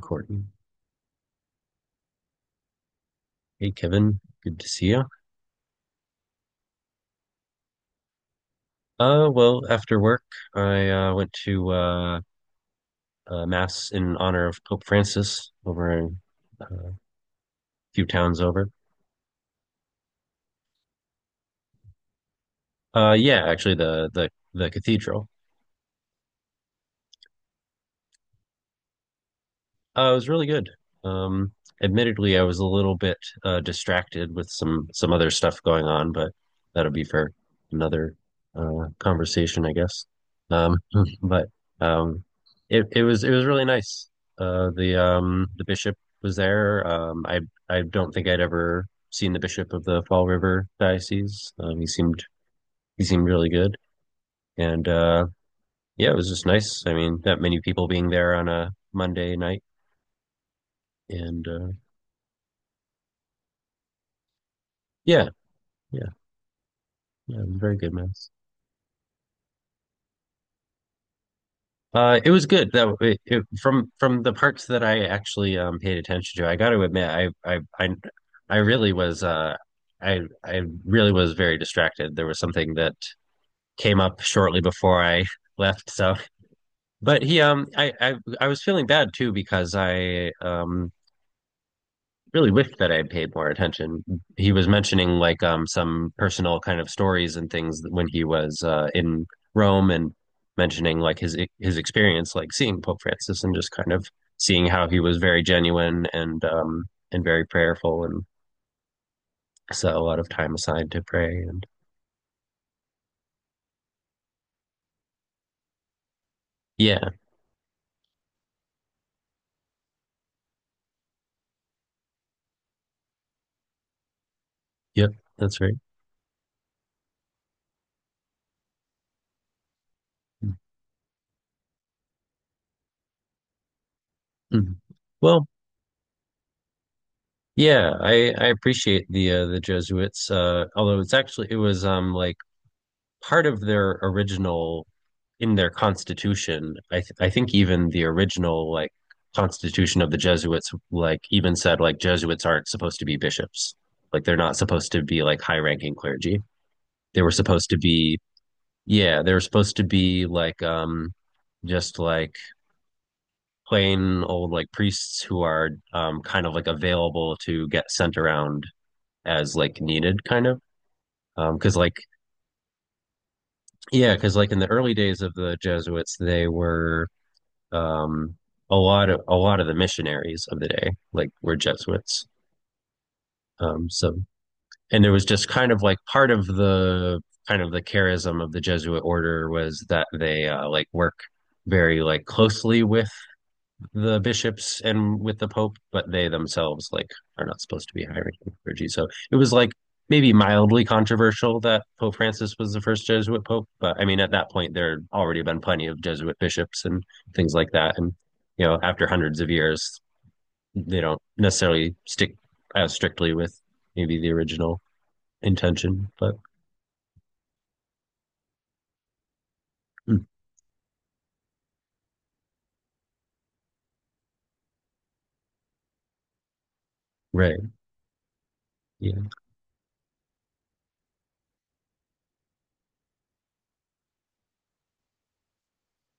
Courtney. Hey, Kevin. Good to see you. Well, after work, I went to Mass in honor of Pope Francis over in, uh, a few towns over. Yeah, actually, the cathedral. It was really good. Um, Admittedly, I was a little bit distracted with some other stuff going on, but that'll be for another conversation, I guess. Um, but um, it it was it was really nice. The bishop was there. I don't think I'd ever seen the bishop of the Fall River diocese. He seemed really good, and yeah, it was just nice. I mean, that many people being there on a Monday night, and yeah. Yeah, yeah, very good, Max. It was good that it, from the parts that I actually paid attention to. I got to admit, I really was I really was very distracted. There was something that came up shortly before I left, so. But he I was feeling bad too because I really wish that I had paid more attention. He was mentioning some personal kind of stories and things when he was in Rome and mentioning like his experience like seeing Pope Francis and just kind of seeing how he was very genuine and very prayerful and set a lot of time aside to pray and yeah, yep, that's right. Mhm. Well, yeah, I appreciate the Jesuits. Although it was like part of their original in their constitution, I think even the original like constitution of the Jesuits like even said like Jesuits aren't supposed to be bishops. Like they're not supposed to be like high ranking clergy. They were supposed to be yeah, they were supposed to be like just like plain old like priests who are kind of like available to get sent around as like needed kind of because like yeah because like in the early days of the jesuits they were Um, a lot of the missionaries of the day, like were Jesuits. So and there was just kind of like part of the kind of the charism of the Jesuit order was that they like work very like closely with the bishops and with the pope, but they themselves like are not supposed to be hiring clergy. So it was like maybe mildly controversial that Pope Francis was the first Jesuit pope, but I mean at that point there had already been plenty of Jesuit bishops and things like that, and you know after hundreds of years they don't necessarily stick as strictly with maybe the original intention, but mm, right, yeah,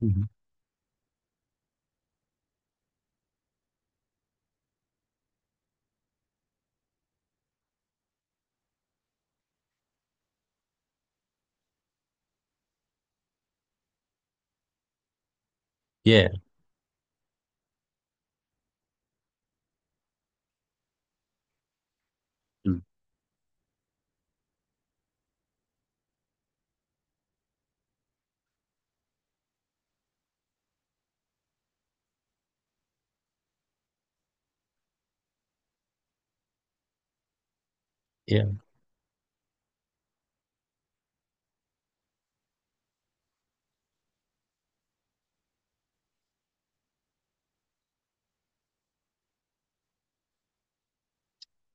mhm, yeah, mm, yeah,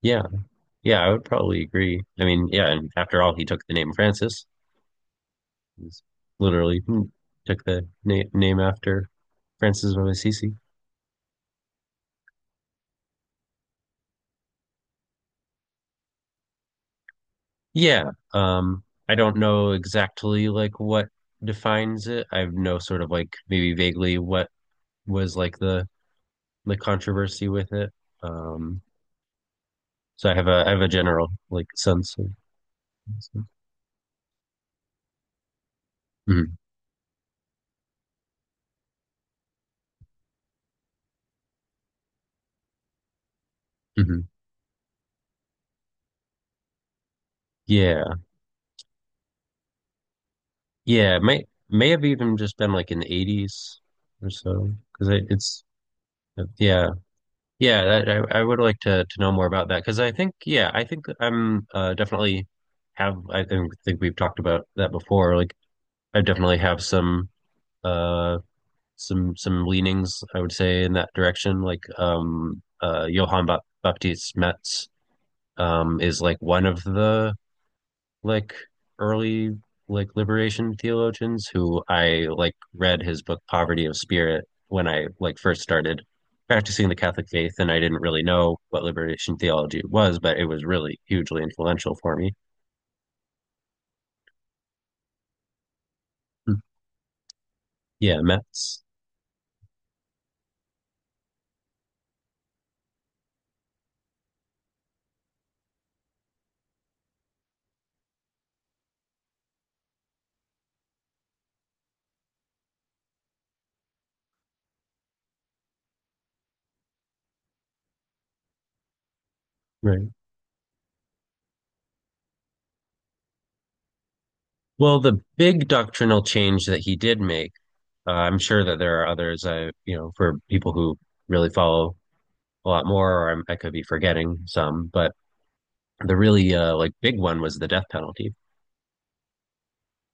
yeah, yeah. I would probably agree. I mean, yeah, and after all, he took the name Francis. He's literally took the na name after Francis of Assisi. Yeah, I don't know exactly like what defines it. I know sort of like maybe vaguely what was like the controversy with it. Um, so I have a general like sense of. So. Mhm, mhm. Yeah, yeah. It may have even just been like in the 80s or so because it's yeah. Yeah, that, I would like to know more about that because I think yeah, I think I'm definitely have I think we've talked about that before. Like I definitely have uh some leanings I would say in that direction. Johann Baptist Metz is like one of the like early like liberation theologians who I like read his book Poverty of Spirit when I like first started practicing the Catholic faith and I didn't really know what liberation theology was, but it was really hugely influential for me. Mm. Yeah, Metz. Right. Well, the big doctrinal change that he did make, I'm sure that there are others, I, you know, for people who really follow a lot more, or I'm, I could be forgetting some, but the really like big one was the death penalty.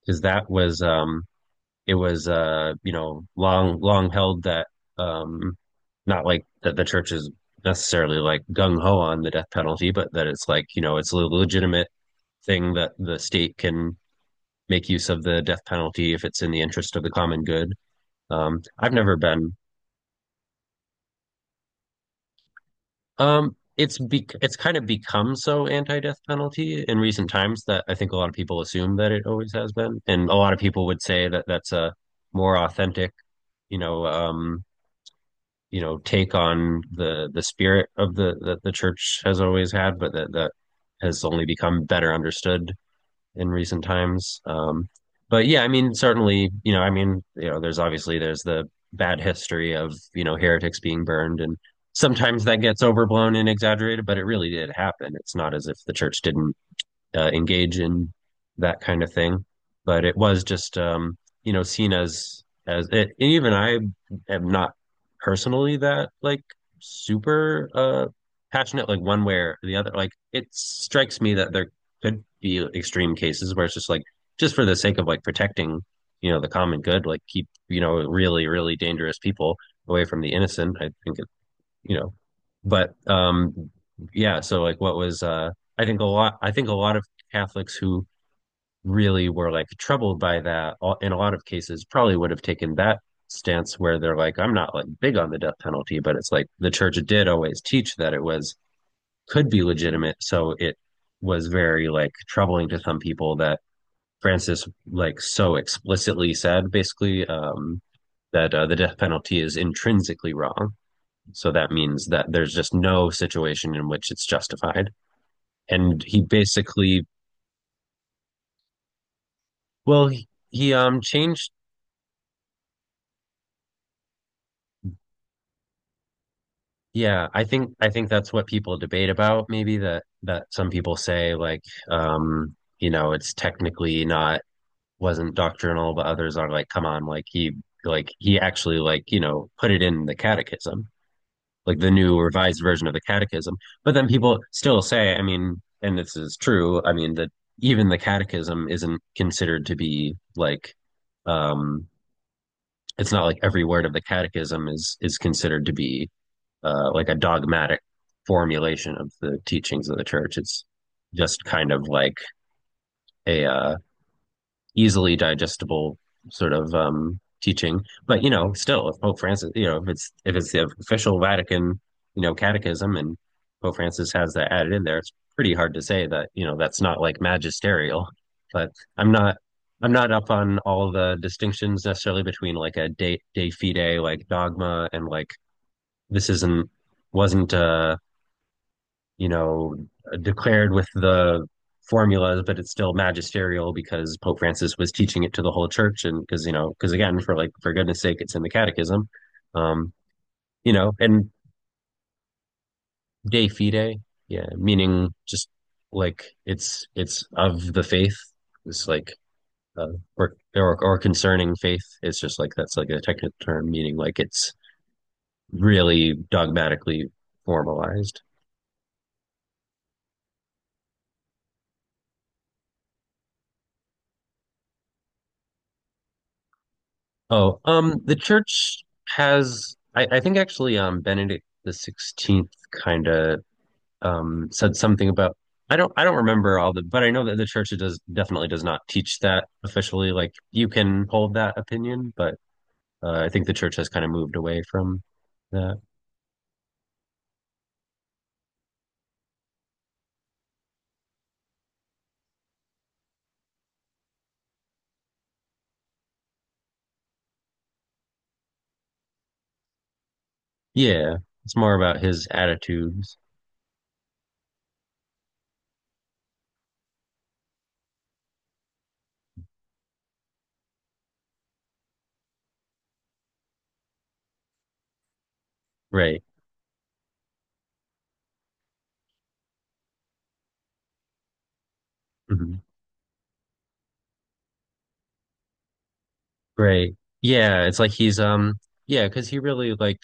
Because that was it was you know long long held that um not like that the church is necessarily like gung ho on the death penalty, but that it's like you know it's a legitimate thing that the state can make use of the death penalty if it's in the interest of the common good. I've never been. It's it's kind of become so anti-death penalty in recent times that I think a lot of people assume that it always has been, and a lot of people would say that that's a more authentic, you know, um, you know take on the spirit of the that the church has always had, but that that has only become better understood in recent times. But yeah, I mean, certainly, you know, I mean, you know, there's obviously there's the bad history of you know heretics being burned, and sometimes that gets overblown and exaggerated, but it really did happen. It's not as if the church didn't engage in that kind of thing. But it was just you know seen as it, and even I am not personally that like super passionate like one way or the other. Like it strikes me that there could be extreme cases where it's just like just for the sake of like protecting you know the common good, like keep you know really really dangerous people away from the innocent. I think you know, but yeah. So like, what was I think a lot. I think a lot of Catholics who really were like troubled by that, in a lot of cases, probably would have taken that stance where they're like, I'm not like big on the death penalty, but it's like the church did always teach that it was could be legitimate. So it was very like troubling to some people that Francis like so explicitly said, basically, that the death penalty is intrinsically wrong so that means that there's just no situation in which it's justified. And he basically, well, he changed. Yeah, I think that's what people debate about. Maybe that that some people say like, you know, it's technically not wasn't doctrinal, but others are like, come on, like he actually like you know put it in the catechism. Like the new revised version of the catechism. But then people still say, I mean, and this is true, I mean, that even the catechism isn't considered to be like, um, it's not like every word of the catechism is considered to be like a dogmatic formulation of the teachings of the church. It's just kind of like a easily digestible sort of teaching. But you know, still, if Pope Francis, you know, if it's the official Vatican, you know, catechism, and Pope Francis has that added in there, it's pretty hard to say that you know that's not like magisterial. But I'm not I'm not up on all the distinctions necessarily between like a de fide like dogma and like this isn't wasn't you know, declared with the formulas, but it's still magisterial because Pope Francis was teaching it to the whole church. And because, you know, because again, for like, for goodness sake, it's in the catechism, um, you know, and de fide, yeah, meaning just like it's of the faith. It's like, uh, or, or concerning faith. It's just like, that's like a technical term, meaning like it's really dogmatically formalized. Oh, the church has, I think actually, Benedict the XVI kind of said something about. I don't remember all the, but I know that the church does definitely does not teach that officially. Like you can hold that opinion, but I think the church has kind of moved away from that. Yeah, it's more about his attitudes, right? Mhm. Right. Yeah, it's like he's yeah, because he really like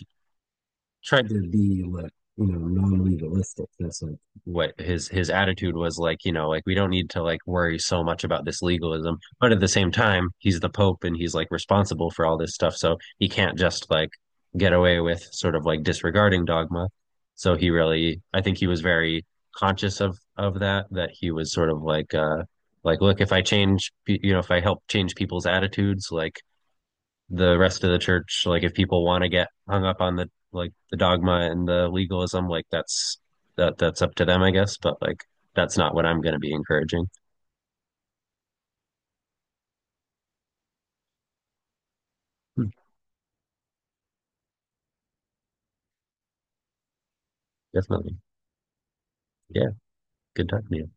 tried to be like you know non-legalistic. That's like what his attitude was like. You know, like we don't need to like worry so much about this legalism, but at the same time, he's the Pope and he's like responsible for all this stuff, so he can't just like get away with sort of like disregarding dogma. So he really, I think he was very conscious of that. That he was sort of like look, if I change, you know, if I help change people's attitudes, like the rest of the church like if people want to get hung up on the like the dogma and the legalism like that's that that's up to them I guess but like that's not what I'm going to be encouraging Hmm. Definitely yeah good talking to you